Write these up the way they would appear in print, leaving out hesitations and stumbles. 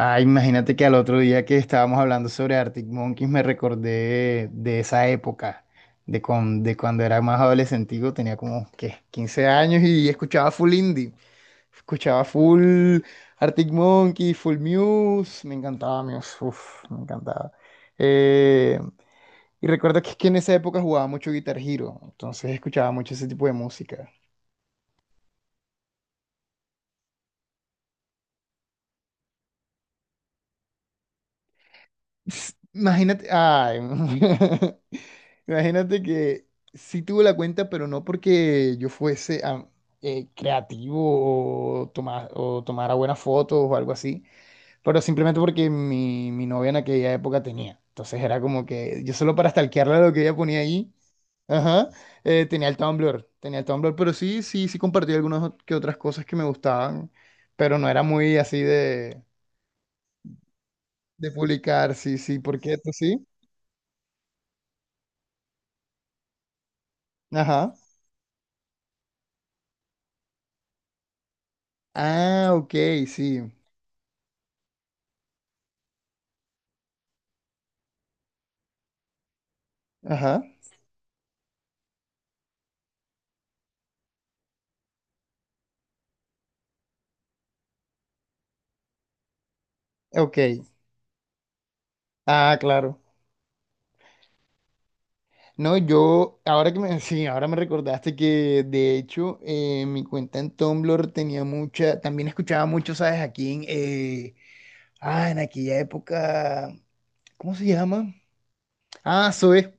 Ah, imagínate que al otro día que estábamos hablando sobre Arctic Monkeys me recordé de esa época, de cuando era más adolescentico, tenía como ¿qué? 15 años y escuchaba full indie, escuchaba full Arctic Monkeys, full Muse, me encantaba Muse, uf, me encantaba. Eh, y recuerdo que, es que en esa época jugaba mucho Guitar Hero, entonces escuchaba mucho ese tipo de música. Imagínate, ay, imagínate que sí tuve la cuenta, pero no porque yo fuese creativo o tomara buenas fotos o algo así, pero simplemente porque mi novia en aquella época tenía. Entonces era como que yo solo para stalkearla lo que ella ponía ahí, ajá, tenía el Tumblr, pero sí, sí, sí compartí algunas ot- que otras cosas que me gustaban, pero no era muy así de publicar, sí, sí, porque tú sí, ajá. Ah, ok, sí. Ajá, ok. Ah, claro. No, yo, ahora que me, sí, ahora me recordaste que de hecho mi cuenta en Tumblr tenía mucha, también escuchaba mucho, ¿sabes? Aquí en aquella época, ¿cómo se llama? Ah, Zoe.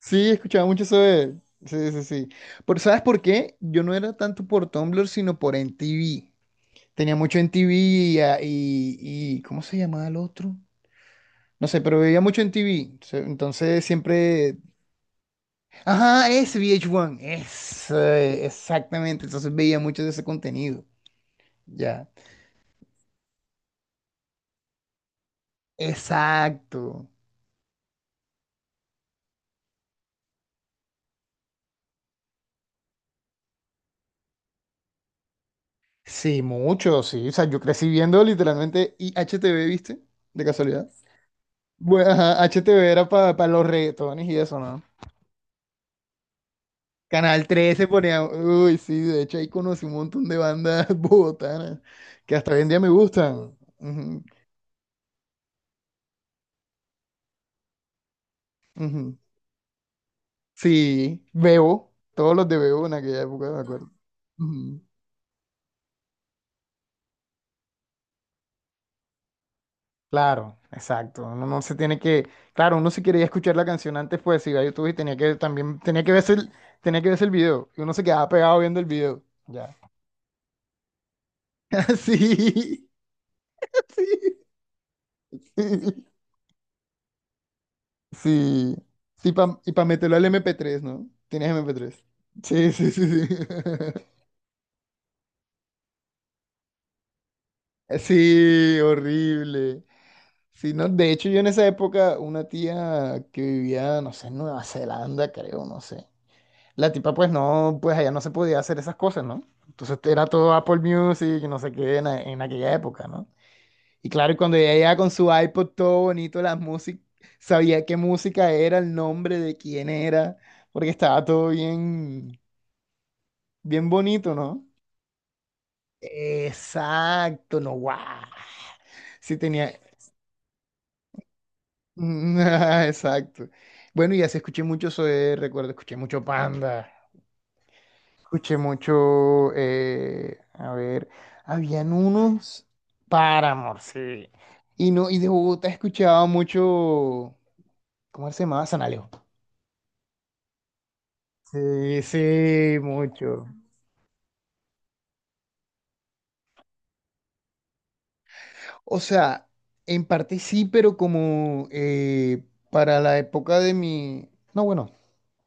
Sí, escuchaba mucho Zoe. Sí, sí, sí. Pero ¿sabes por qué? Yo no era tanto por Tumblr, sino por MTV. Tenía mucho MTV y ¿cómo se llamaba el otro? No sé, pero veía mucho en TV. Entonces siempre. Ajá, es VH1. Es exactamente. Entonces veía mucho de ese contenido. Ya. Exacto. Sí, mucho, sí. O sea, yo crecí viendo literalmente y HTV, ¿viste? De casualidad. Bueno, ajá, HTV era para los reggaetones y eso, ¿no? Canal 13 ponía. Uy, sí, de hecho ahí conocí un montón de bandas bogotanas que hasta hoy en día me gustan. Ujú, ujú. Sí, Bebo, todos los de Bebo en aquella época, me acuerdo. Ujú. Claro, exacto. Uno no se tiene que, claro, uno si quería escuchar la canción antes, pues iba a YouTube y tenía que también, tenía que verse el, tenía que verse el video. Y uno se quedaba pegado viendo el video. Ya. Sí, sí, sí. Sí, sí, pa- y para meterlo al MP3, ¿no? Tienes MP3. Sí, sí, sí, sí. Sí, horrible. Sí, no, de hecho yo en esa época una tía que vivía, no sé, en Nueva Zelanda, creo, no sé. La tipa pues no, pues allá no se podía hacer esas cosas, ¿no? Entonces era todo Apple Music, y no sé qué, en aquella época, ¿no? Y claro, y cuando ella llegaba con su iPod todo bonito, la música, sabía qué música era, el nombre de quién era, porque estaba todo bien, bien bonito, ¿no? Exacto, no, guau. Sí, tenía, Mm, exacto. Bueno, y así escuché mucho Zoé, recuerdo, escuché mucho Panda, escuché mucho, a ver, habían unos Paramore, sí. Y no, y de Bogotá escuchaba mucho, ¿cómo se llamaba? Sanaleo. Sí, sí, mucho. O sea, en parte sí, pero como para la época de mi... No, bueno,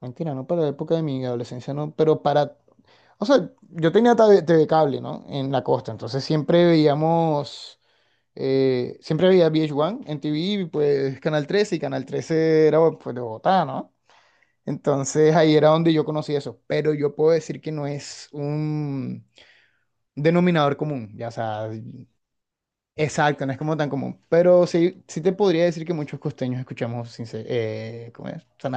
mentira, no para la época de mi adolescencia, no, pero para... O sea, yo tenía TV, TV cable, ¿no? En la costa, entonces siempre veíamos... siempre veía VH1 en TV, y, pues Canal 13, y Canal 13 era pues, de Bogotá, ¿no? Entonces ahí era donde yo conocí eso, pero yo puedo decir que no es un denominador común, ya, o sea, exacto, no es como tan común, pero sí, sí te podría decir que muchos costeños escuchamos, sin ser- ¿cómo es? San.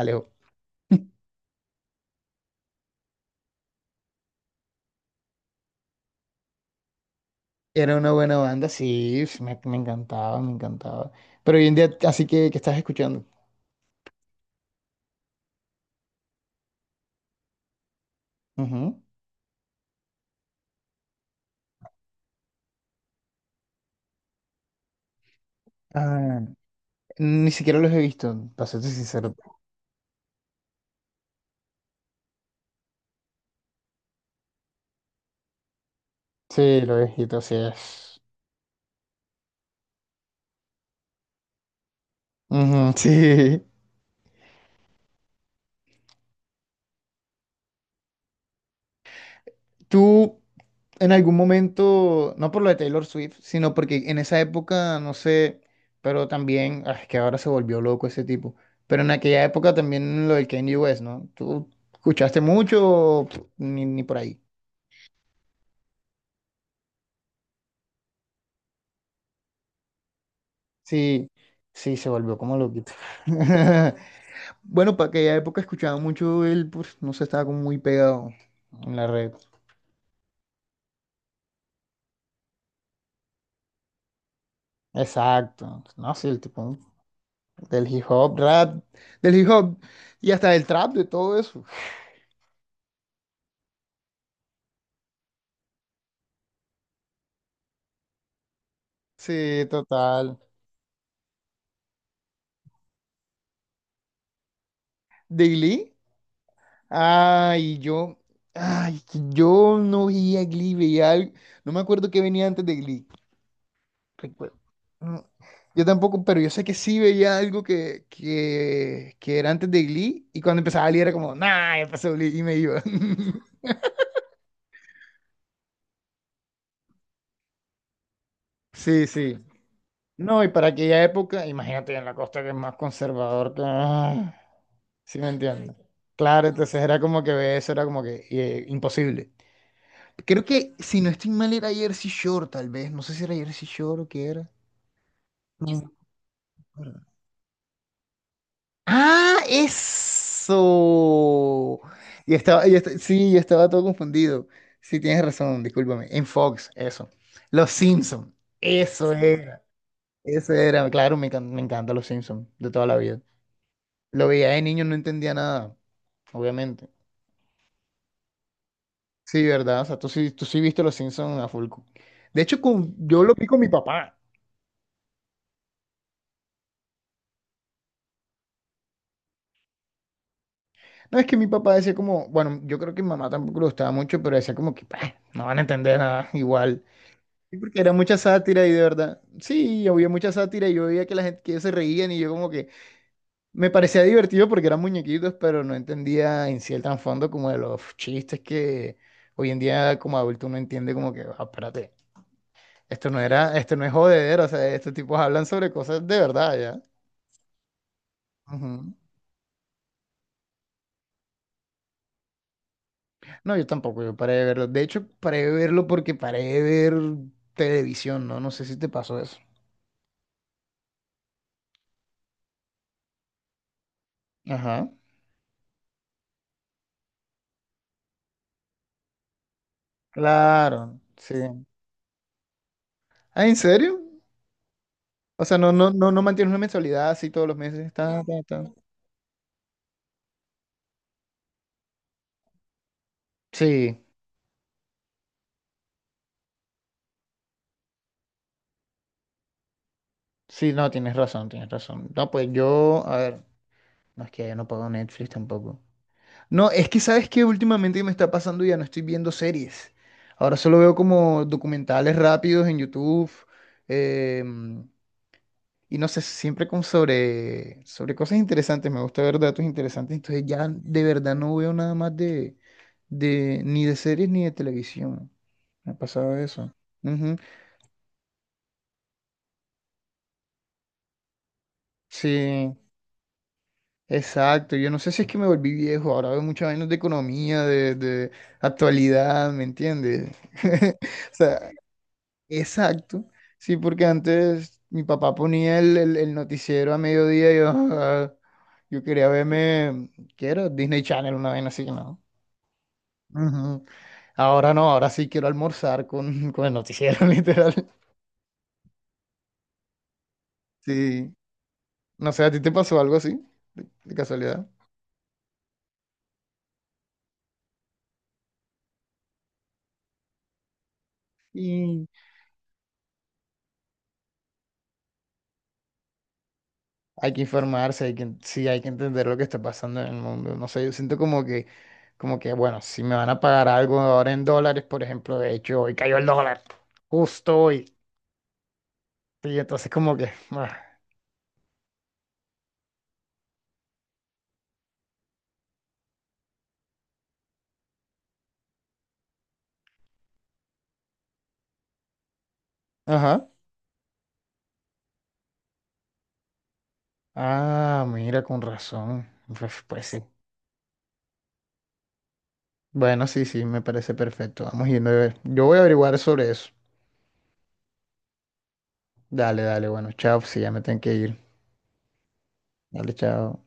Era una buena banda, sí, me encantaba, me encantaba. Pero hoy en día, así que estás escuchando. Ujú. Ah, ni siquiera los he visto, para serte sincero. Sí, lo he visto, sí es. Ujú, sí. Tú, en algún momento, no por lo de Taylor Swift, sino porque en esa época, no sé, pero también, ah, es que ahora se volvió loco ese tipo. Pero en aquella época también lo del Kanye West, ¿no? ¿Tú escuchaste mucho o, pff, ni por ahí? Sí, sí, se volvió como loquito. Bueno, para aquella época escuchaba mucho él, pues, no sé, estaba como muy pegado en la red. Exacto. No, sí, el tipo del hip hop, rap, del hip hop y hasta del trap, de todo eso. Sí, total. ¿De Glee? Ay, yo, ay, que yo no veía Glee, veía algo. No me acuerdo qué venía antes de Glee. Recuerdo. Yo tampoco, pero yo sé que sí veía algo que era antes de Glee y cuando empezaba Glee era como, nah, ya pasó Glee y me iba. Sí, sí. No, y para aquella época, imagínate en la costa que es más conservador que... ah, ¿sí me entiendes? Claro, entonces era como que ve eso era como que imposible. Creo que si no estoy mal era Jersey Shore tal vez, no sé si era Jersey Shore o qué era. No. ¡Ah, eso! Y estaba, yo estaba todo confundido. Sí, tienes razón, discúlpame. En Fox, eso. Los Simpson, eso era. Eso era, claro, me encantan los Simpson de toda la vida. Lo veía de niño, no entendía nada, obviamente. Sí, ¿verdad? O sea, tú sí viste los Simpson a full. De hecho, yo lo vi con mi papá. No, es que mi papá decía como, bueno, yo creo que mi mamá tampoco lo gustaba mucho, pero decía como que, "Bah, no van a entender nada igual. Sí, porque era mucha sátira y de verdad, sí, había mucha sátira y yo veía que la gente que ellos se reían y yo como que me parecía divertido porque eran muñequitos, pero no entendía en sí el trasfondo como de los chistes que hoy en día como adulto uno entiende como que, "Ah, espérate, esto no era, esto no es jodedero, o sea, estos tipos hablan sobre cosas de verdad, ¿ya? Ujú. No, yo tampoco, yo paré de verlo. De hecho, paré de verlo porque paré de ver televisión, ¿no? No sé si te pasó eso. Ajá. Claro, sí. Ah, ¿en serio? O sea, no, no, no, no mantienes una mensualidad así todos los meses. Ta, ta, ta. Sí, sí, no, tienes razón, tienes razón. No, pues yo, a ver, no es que yo no pago Netflix tampoco. No, es que sabes que últimamente me está pasando ya no estoy viendo series. Ahora solo veo como documentales rápidos en YouTube. em, y no sé, siempre como sobre, sobre cosas interesantes. Me gusta ver datos interesantes. Entonces ya de verdad no veo nada más de ni de series ni de televisión. Me ha pasado eso. Ujú. Sí, exacto. Yo no sé si es que me volví viejo. Ahora veo muchas vainas de economía, de actualidad, ¿me entiendes? O sea, exacto. Sí, porque antes mi papá ponía el noticiero a mediodía y yo, ah, yo quería verme, ¿qué era? Disney Channel, una vaina así, ¿no? Ujú. Ahora no, ahora sí quiero almorzar con el noticiero, literal. Sí. No sé, ¿a ti te pasó algo así? De casualidad. Hay que informarse, hay que entender lo que está pasando en el mundo. No sé, yo siento como que, bueno, si me van a pagar algo ahora en dólares, por ejemplo, de hecho, hoy cayó el dólar, justo hoy. Y entonces como que, ah, ajá. Ah, mira, con razón. Pues, pues sí. Bueno, sí, sí, me parece perfecto. Vamos yendo a ver. Yo voy a averiguar sobre eso. Dale, dale, bueno, chao, sí, ya me tengo que ir. Dale, chao.